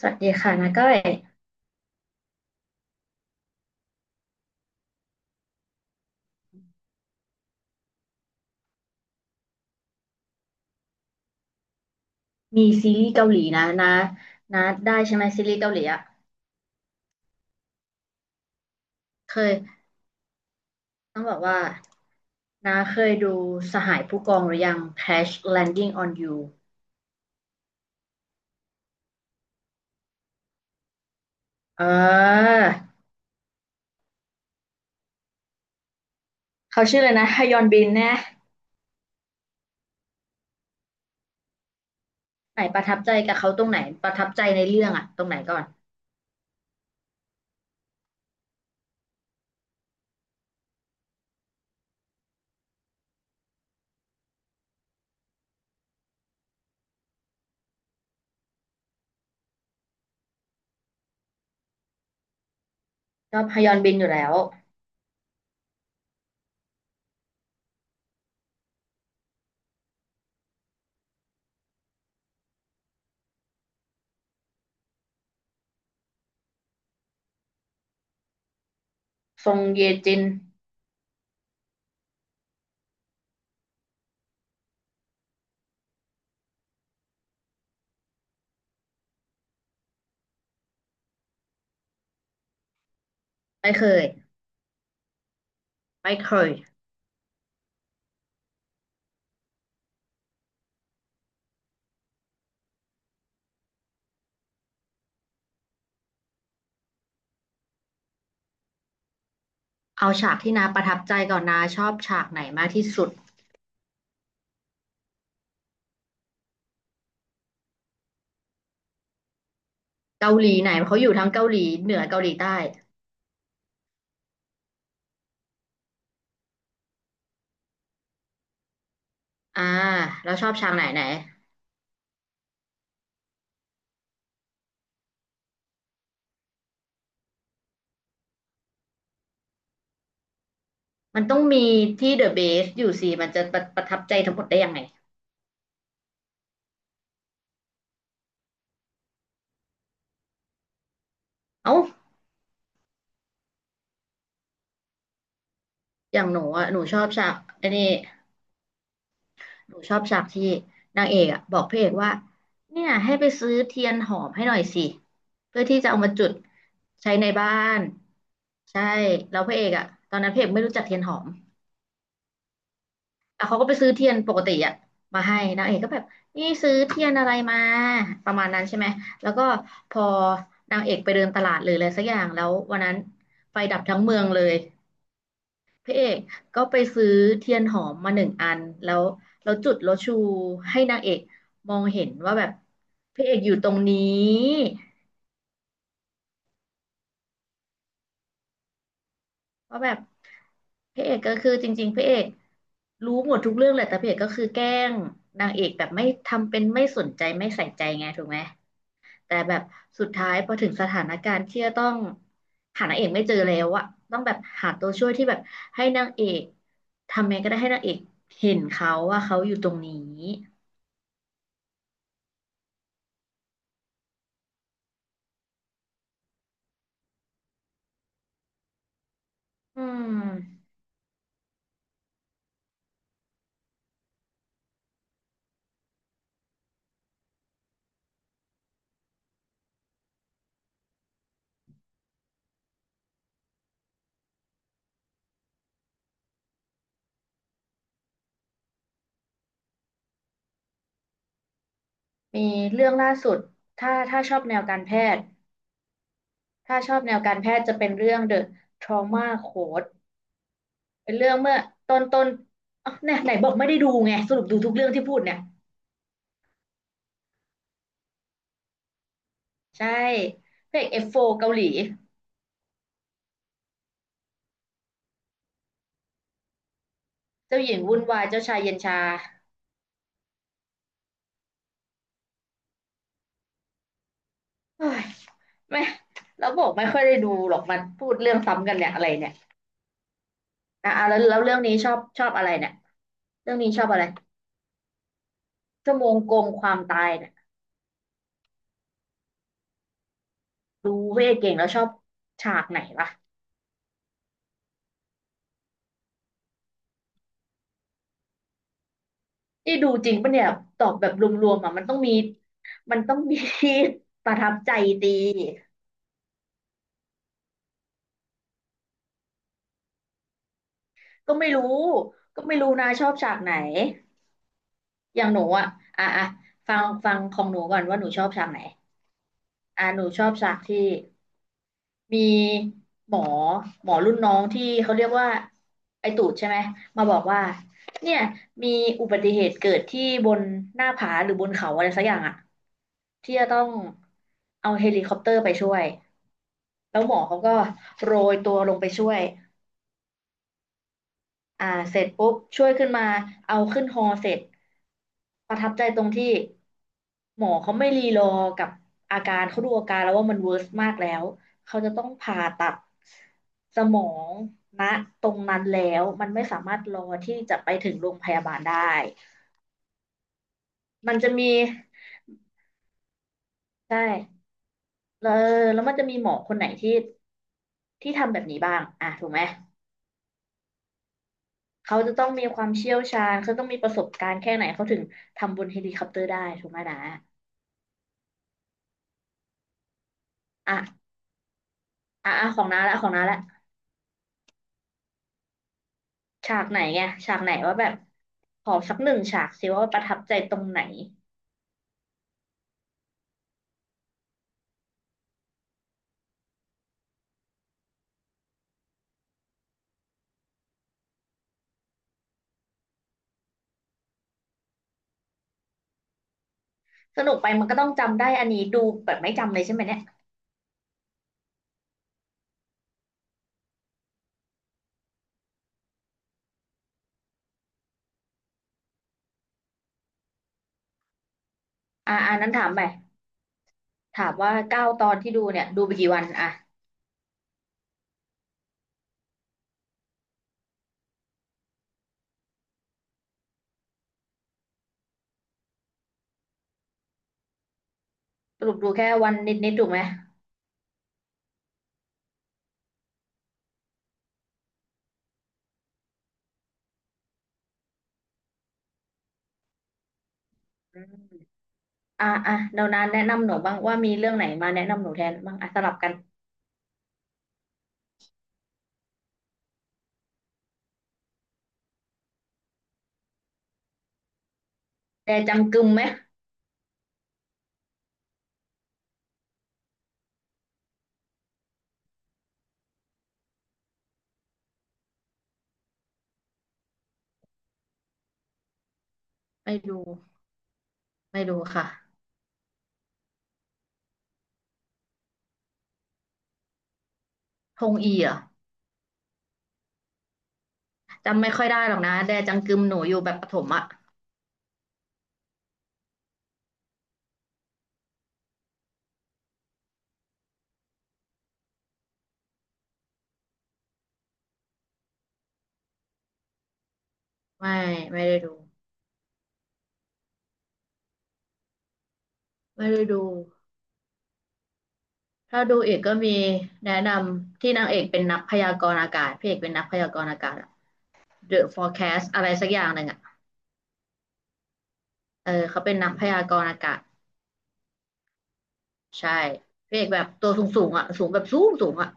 สวัสดีค่ะนะก้อยมีซีรีส์เกาหลีนะนะได้ใช่ไหมซีรีส์เกาหลีอ่ะเคยต้องบอกว่านะเคยดูสหายผู้กองหรือยัง Crash Landing on You เออเขาชื่ออะไรนะฮยอนบินนะไหนประทับใจกับเขาตรงไหนประทับใจในเรื่องอ่ะตรงไหนก่อนชอบฮยอนบินอยู่แล้วซงเยจินไม่เคยไม่เคยเอาฉากที่นาประทับใจก่อนนาชอบฉากไหนมากที่สุดเกาหลีไหนเพราะเขาอยู่ทั้งเกาหลีเหนือเกาหลีใต้ อ่าเราชอบฉากไหนไหนมันต้องมีที่เดอะเบสอยู่สิมันจะประทับใจทั้งหมดได้ยังไงเอ้าอย่างหนูอะหนูชอบฉากไอ้นี่หนูชอบฉากที่นางเอกอะบอกพระเอกว่าเนี่ยให้ไปซื้อเทียนหอมให้หน่อยสิเพื่อที่จะเอามาจุดใช้ในบ้านใช่แล้วพระเอกอะตอนนั้นพระเอกไม่รู้จักเทียนหอม อ่ะเขาก็ไปซื้อเทียนปกติอะมาให้นางเอกก็แบบนี่ซื้อเทียนอะไรมาประมาณนั้นใช่ไหมแล้วก็พอนางเอกไปเดินตลาดหรืออะไรสักอย่างแล้ววันนั้นไฟดับทั้งเมืองเลยพระเอกก็ไปซื้อเทียนหอมมาหนึ่งอันแล้วแล้วจุดแล้วชูให้นางเอกมองเห็นว่าแบบพระเอกอยู่ตรงนี้ว่าแบบพระเอกก็คือจริงๆพระเอกรู้หมดทุกเรื่องแหละแต่พระเอกก็คือแกล้งนางเอกแบบไม่ทำเป็นไม่สนใจไม่ใส่ใจไงถูกไหม แต่แบบสุดท้ายพอถึงสถานการณ์ที่จะต้องหานางเอกไม่เจอแล้วอะต้องแบบหาตัวช่วยที่แบบให้นางเอกทำัไงก็ได้ให้นางเอกเห็นเขาว่าเขาอยู่ตรงนี้อืมมีเรื่องล่าสุดถ้าชอบแนวการแพทย์ถ้าชอบแนวการแพทย์จะเป็นเรื่อง The Trauma Code เป็นเรื่องเมื่อต้นอ๋อเนี่ยไหนบอกไม่ได้ดูไงสรุปดูทุกเรื่องที่พูดเนี่ยใช่พระเอก F4 เกาหลีเจ้าหญิงวุ่นวายเจ้าชายเย็นชาโอ้ย ไม่แล้วบอกไม่ค่อยได้ดูหรอกมันพูดเรื่องซ้ำกันเนี่ยอะไรเนี่ยอ่ะแล้วเรื่องนี้ชอบชอบอะไรเนี่ยเรื่องนี้ชอบอะไรชั่วโมงโกงความตายเนี่ยดูเว่เก่งแล้วชอบฉากไหนล่ะนี่ดูจริงปะเนี่ยตอบแบบรวมๆอ่ะมันต้องมี ประทับใจดีก็ไม่รู้ก็ไม่รู้นะชอบฉากไหนอย่างหนูอ่ะอ่ะฟังของหนูก่อนว่าหนูชอบฉากไหนอ่ะหนูชอบฉากที่ มีหมอหมอรุ่นน้องที่เขาเรียกว่าไอตูดใช่ไหมมาบอกว่าเนี่ยมีอุบัติเหตุเกิดที่บนหน้าผาหรือบนเขาอะไรสักอย่างอะที่จะต้องเอาเฮลิคอปเตอร์ไปช่วยแล้วหมอเขาก็โรยตัวลงไปช่วย อ่าเสร็จปุ๊บช่วยขึ้นมาเอาขึ้นฮอเสร็จประทับใจตรงที่หมอเขาไม่รีรอกับอาการเขาดูอาการแล้วว่ามันเวิร์สมากแล้วเขาจะต้องผ่าตัดสมองณตรงนั้นแล้วมันไม่สามารถรอที่จะไปถึงโรงพยาบาลได้มันจะมีใช่แล้วแล้วมันจะมีหมอคนไหนที่ทำแบบนี้บ้างอ่ะถูกไหมเขาจะต้องมีความเชี่ยวชาญเขาต้องมีประสบการณ์แค่ไหนเขาถึงทำบนเฮลิคอปเตอร์ได้ถูกไหมนะ อ่ะอ่ะของน้าละฉากไหนไงฉากไหนว่าแบบขอสักหนึ่งฉากสิว่าประทับใจตรงไหนสนุกไปมันก็ต้องจำได้อันนี้ดูแบบไม่จำเลยใช่ไหมเนี่ยอ่าอ่ะนั้นถามไปถามว่าเก้าตอนที่ดูเนี่ยดูไปกี่วันอ่ะสรุปดูแค่วันนิดถูกไหมอืมอ่ะอ่ะเดี๋ยวน้าแนะนำหนูบ้างว่ามีเรื่องไหนมาแนะนำหนูแทนบ้างอ่ะสลับกันแต่จำกึมไหม ไม่ดู ไม่ดูค่ะทงอีเหรอจำไม่ค่อยได้หรอกนะแดจังกึมหนูอยู่แบบประถมอะไม่ไม่ได้ดู ไม่ได้ดูถ้าดูเอีกก็มีแนะนำที่นางเอกเป็นนักพยากรณ์อากาศพระเอกเป็นนักพยากรณ์อากาศอะ The Forecast อะไรสักอย่างหนึ่งอะเออเขาเป็นนักพยากรณ์อากาศใช่พระเอกแบบตัวสูงสูงอะสูงแบบสูงสูงอะ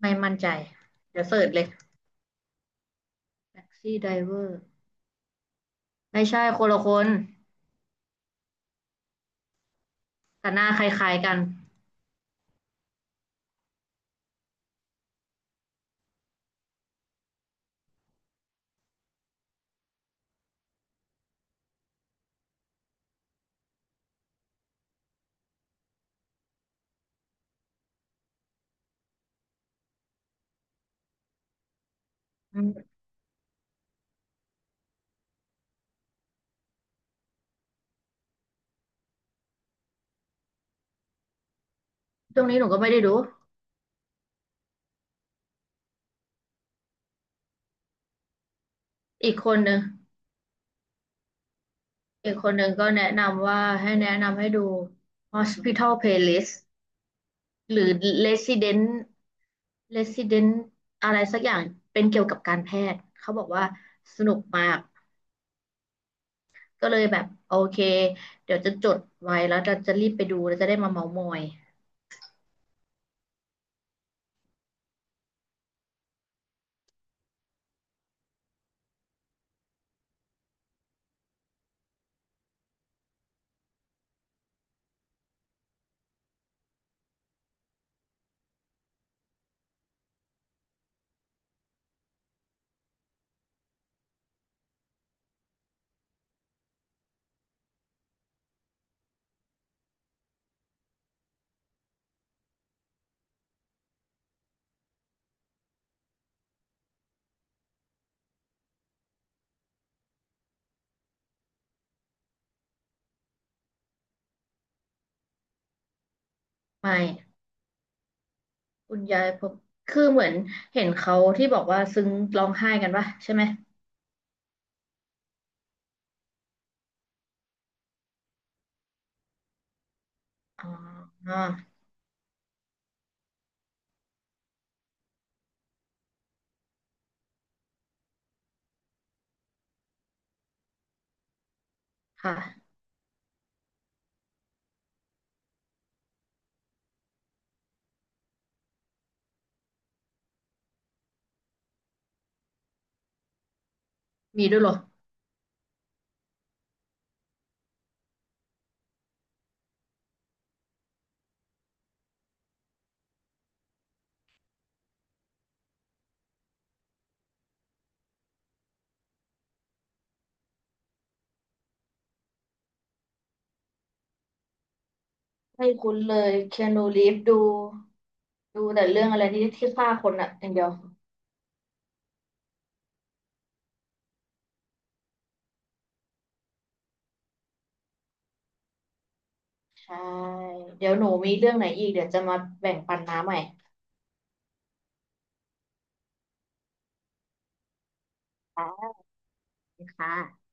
ไม่มั่นใจเดี๋ยวเสิร์ชเลย Taxi Driver ไม่ใช่คนละคนแต่หน้าคล้ายๆกันอืมช่วงนี้หนูก็ไม่ได้ดูอีกคนหนึ่งอีกคนหนึ่งก็แนะนำว่าให้แนะนำให้ดู Hospital Playlist หรือ resident resident อะไรสักอย่างเป็นเกี่ยวกับการแพทย์เขาบอกว่าสนุกมากก็เลยแบบโอเคเดี๋ยวจะจดไว้แล้วจะรีบไปดูแล้วจะได้มาเมาท์มอยไม่คุณยายผมคือเหมือนเห็นเขาที่บอกว่าซึ้งร้องไห้กันปะใช่ไหมอ๋อค่ะมีด้วยเหรอไม่คุ้นเลยแคีนูรีฟดูดูแต่เรื่องอะไรที่ที่ฆ่าคนอะอย่างเดียว ใช่ เดี๋ยวหนูมีเรื่องไหนอีกเดี๋ยวจะมาแบ่งปันน้าใหม่ค่ะ